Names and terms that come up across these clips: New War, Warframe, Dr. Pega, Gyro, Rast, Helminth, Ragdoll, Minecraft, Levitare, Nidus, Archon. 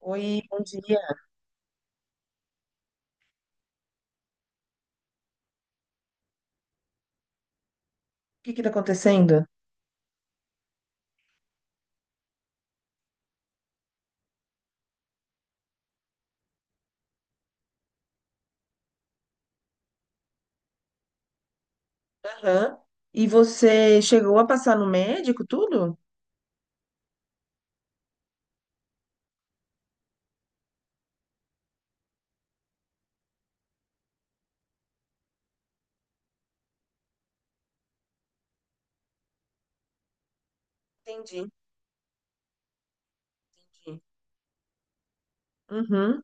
Oi, bom dia. O que que tá acontecendo? Aham. E você chegou a passar no médico tudo? Entendi. Entendi. Uhum.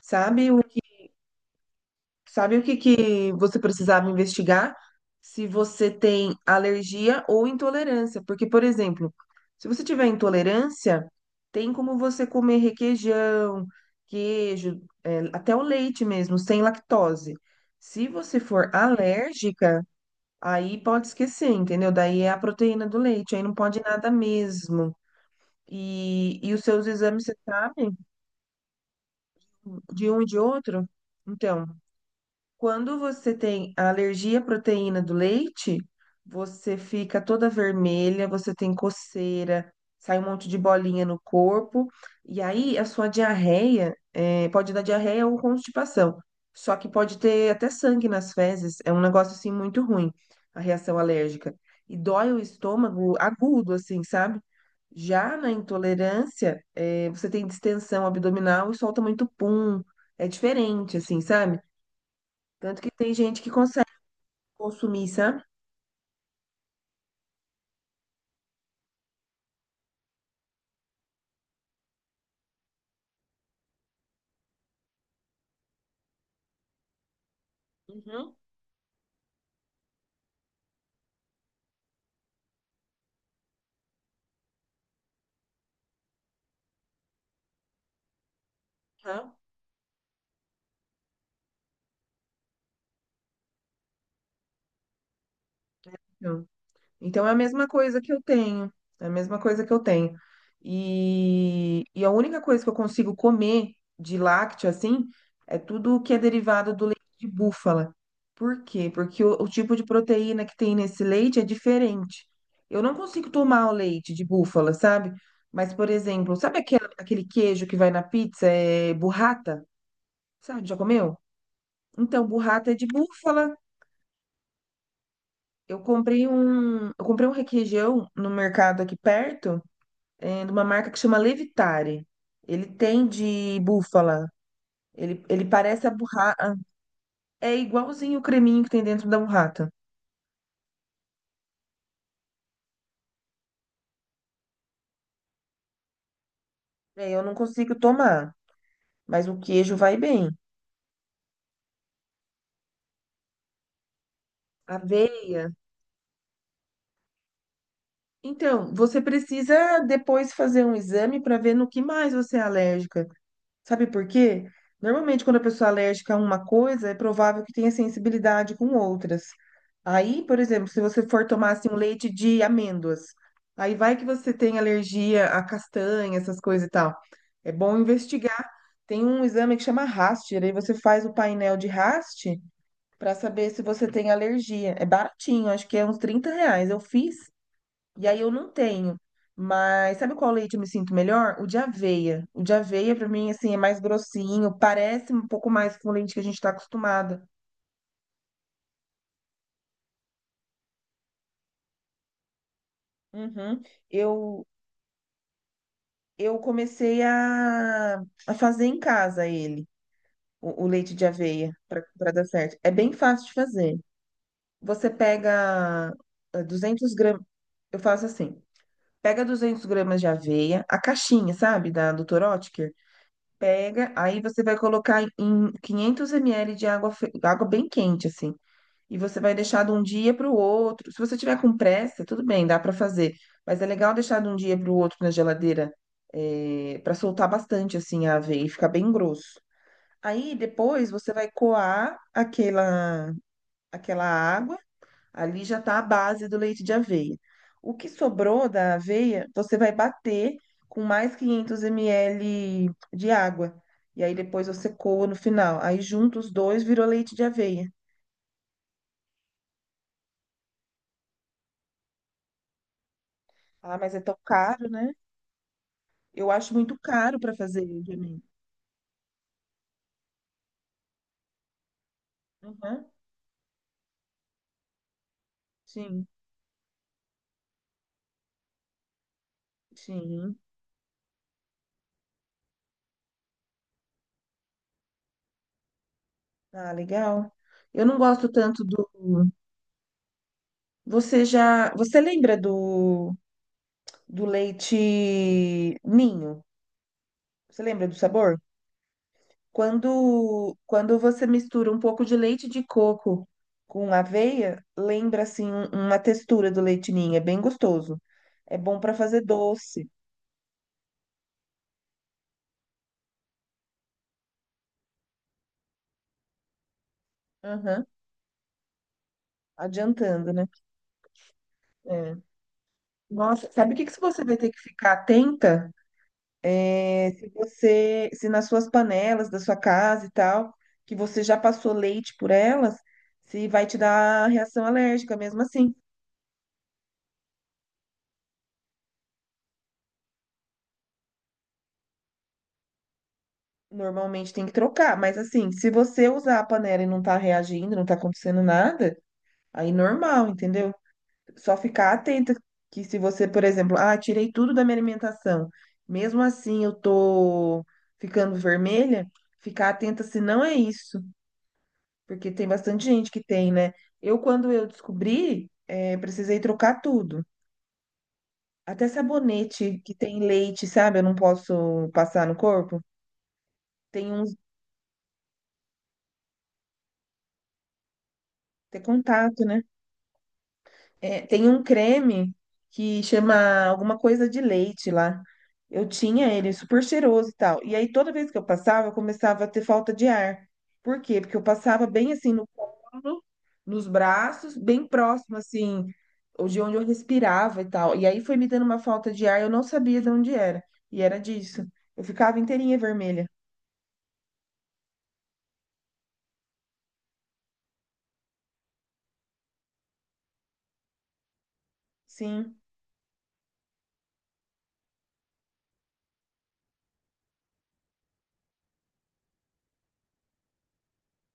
Sabe o que, sabe o que que você precisava investigar? Se você tem alergia ou intolerância. Porque, por exemplo, se você tiver intolerância, tem como você comer requeijão, queijo, até o leite mesmo, sem lactose. Se você for alérgica, aí pode esquecer, entendeu? Daí é a proteína do leite, aí não pode nada mesmo. E os seus exames, você sabe? De um e de outro? Então. Quando você tem a alergia à proteína do leite, você fica toda vermelha, você tem coceira, sai um monte de bolinha no corpo, e aí a sua diarreia, pode dar diarreia ou constipação, só que pode ter até sangue nas fezes, é um negócio assim muito ruim, a reação alérgica. E dói o estômago agudo, assim, sabe? Já na intolerância, você tem distensão abdominal e solta muito pum, é diferente, assim, sabe? Tanto que tem gente que consegue consumir, sabe? Uhum. Tá. Então, então é a mesma coisa que eu tenho. É a mesma coisa que eu tenho. E a única coisa que eu consigo comer de lácteo, assim, é tudo que é derivado do leite de búfala. Por quê? Porque o tipo de proteína que tem nesse leite é diferente. Eu não consigo tomar o leite de búfala, sabe? Mas, por exemplo, sabe aquele queijo que vai na pizza? É burrata? Sabe? Já comeu? Então, burrata é de búfala. Eu comprei um requeijão no mercado aqui perto, de uma marca que chama Levitare. Ele tem de búfala. Ele parece a burrata. É igualzinho o creminho que tem dentro da burrata. É, eu não consigo tomar, mas o queijo vai bem. Aveia. Então, você precisa depois fazer um exame para ver no que mais você é alérgica. Sabe por quê? Normalmente, quando a pessoa é alérgica a uma coisa, é provável que tenha sensibilidade com outras. Aí, por exemplo, se você for tomar assim, um leite de amêndoas, aí vai que você tem alergia a castanha, essas coisas e tal. É bom investigar. Tem um exame que chama Rast, aí você faz o painel de Rast para saber se você tem alergia. É baratinho, acho que é uns 30 reais. Eu fiz e aí eu não tenho. Mas sabe qual leite eu me sinto melhor? O de aveia. O de aveia, pra mim, assim, é mais grossinho, parece um pouco mais com o leite que a gente tá acostumada. Uhum. Eu, eu comecei a fazer em casa ele, o leite de aveia, pra dar certo. É bem fácil de fazer. Você pega 200 gramas, eu faço assim, pega 200 gramas de aveia, a caixinha, sabe, da Dr. Pega, aí você vai colocar em 500 ml de água, água bem quente, assim. E você vai deixar de um dia para o outro. Se você tiver com pressa, tudo bem, dá para fazer. Mas é legal deixar de um dia para o outro na geladeira, para soltar bastante, assim, a aveia e ficar bem grosso. Aí depois você vai coar aquela água. Ali já está a base do leite de aveia. O que sobrou da aveia, você vai bater com mais 500 ml de água. E aí depois você coa no final. Aí junta os dois, virou leite de aveia. Ah, mas é tão caro, né? Eu acho muito caro para fazer, Janine. Uhum. Sim, sim. Ah, legal. Eu não gosto tanto do. Você já. Você lembra do leite ninho? Você lembra do sabor? Quando você mistura um pouco de leite de coco com aveia, lembra assim uma textura do leite ninho, é bem gostoso. É bom para fazer doce. Aham, adiantando, né? É. Nossa, sabe o que que você vai ter que ficar atenta? É, se você, se nas suas panelas da sua casa e tal, que você já passou leite por elas, se vai te dar reação alérgica mesmo assim. Normalmente tem que trocar, mas assim, se você usar a panela e não tá reagindo, não tá acontecendo nada, aí normal, entendeu? Só ficar atenta que se você, por exemplo, ah, tirei tudo da minha alimentação, mesmo assim eu tô ficando vermelha, ficar atenta se não é isso, porque tem bastante gente que tem, né? Eu, quando eu descobri, precisei trocar tudo. Até sabonete que tem leite, sabe? Eu não posso passar no corpo. Tem uns, ter contato, né? É, tem um creme que chama alguma coisa de leite lá. Eu tinha ele super cheiroso e tal. E aí toda vez que eu passava, eu começava a ter falta de ar. Por quê? Porque eu passava bem assim no colo, nos braços, bem próximo assim, de onde eu respirava e tal. E aí foi me dando uma falta de ar, eu não sabia de onde era. E era disso. Eu ficava inteirinha vermelha. Sim.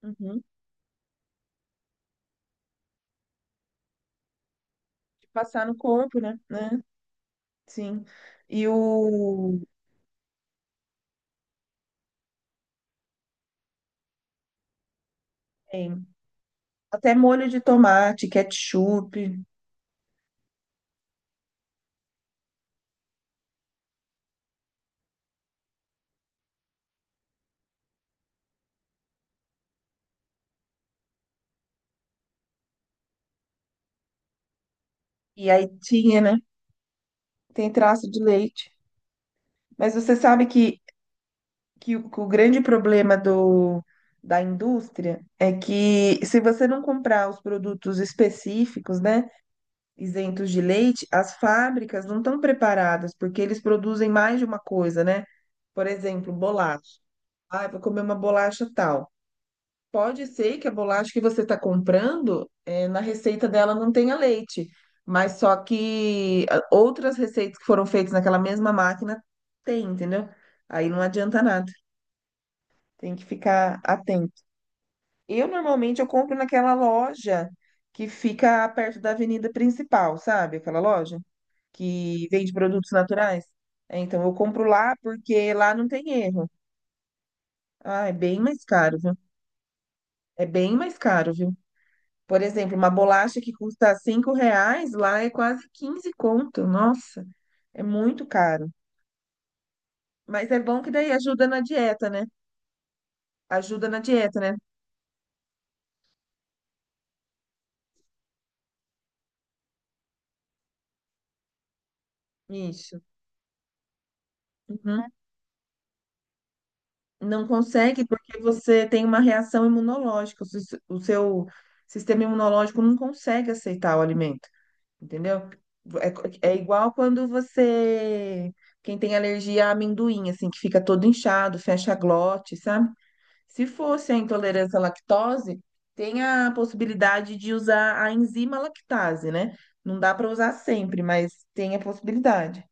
Uhum. De passar no corpo, né? Né? Sim. E o. É, até molho de tomate, ketchup, e aí tinha, né? Tem traço de leite. Mas você sabe que que o grande problema do, da indústria é que se você não comprar os produtos específicos, né, isentos de leite, as fábricas não estão preparadas, porque eles produzem mais de uma coisa, né? Por exemplo, bolacha. Ah, eu vou comer uma bolacha tal. Pode ser que a bolacha que você está comprando, na receita dela não tenha leite, mas só que ah, outras receitas que foram feitas naquela mesma máquina tem, entendeu? Aí não adianta nada, tem que ficar atento. Eu normalmente eu compro naquela loja que fica perto da avenida principal, sabe? Aquela loja que vende produtos naturais. É, então eu compro lá porque lá não tem erro. Ah, é bem mais caro, viu? É bem mais caro, viu? Por exemplo, uma bolacha que custa 5 reais, lá é quase 15 conto. Nossa, é muito caro. Mas é bom que daí ajuda na dieta, né? Ajuda na dieta, né? Isso. Uhum. Não consegue porque você tem uma reação imunológica. O seu sistema imunológico não consegue aceitar o alimento, entendeu? É, é igual quando você... Quem tem alergia a amendoim, assim, que fica todo inchado, fecha a glote, sabe? Se fosse a intolerância à lactose, tem a possibilidade de usar a enzima lactase, né? Não dá para usar sempre, mas tem a possibilidade.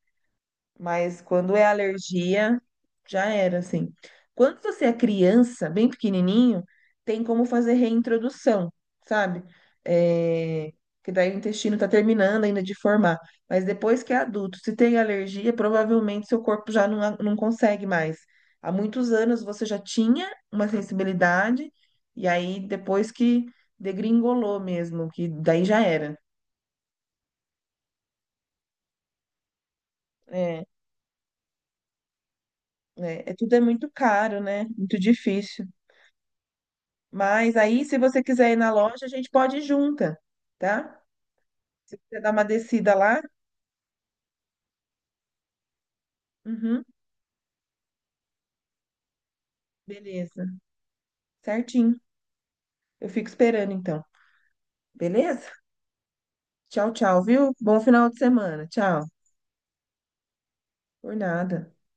Mas quando é alergia, já era, assim. Quando você é criança, bem pequenininho, tem como fazer reintrodução, sabe? É, que daí o intestino tá terminando ainda de formar. Mas depois que é adulto, se tem alergia, provavelmente seu corpo já não, não consegue mais. Há muitos anos você já tinha uma sensibilidade, e aí depois que degringolou mesmo, que daí já era. É, é- tudo é muito caro, né? Muito difícil. Mas aí, se você quiser ir na loja, a gente pode ir junta, tá? Se você dar uma descida lá, uhum, beleza. Certinho. Eu fico esperando então. Beleza? Tchau, tchau, viu? Bom final de semana. Tchau. Por nada.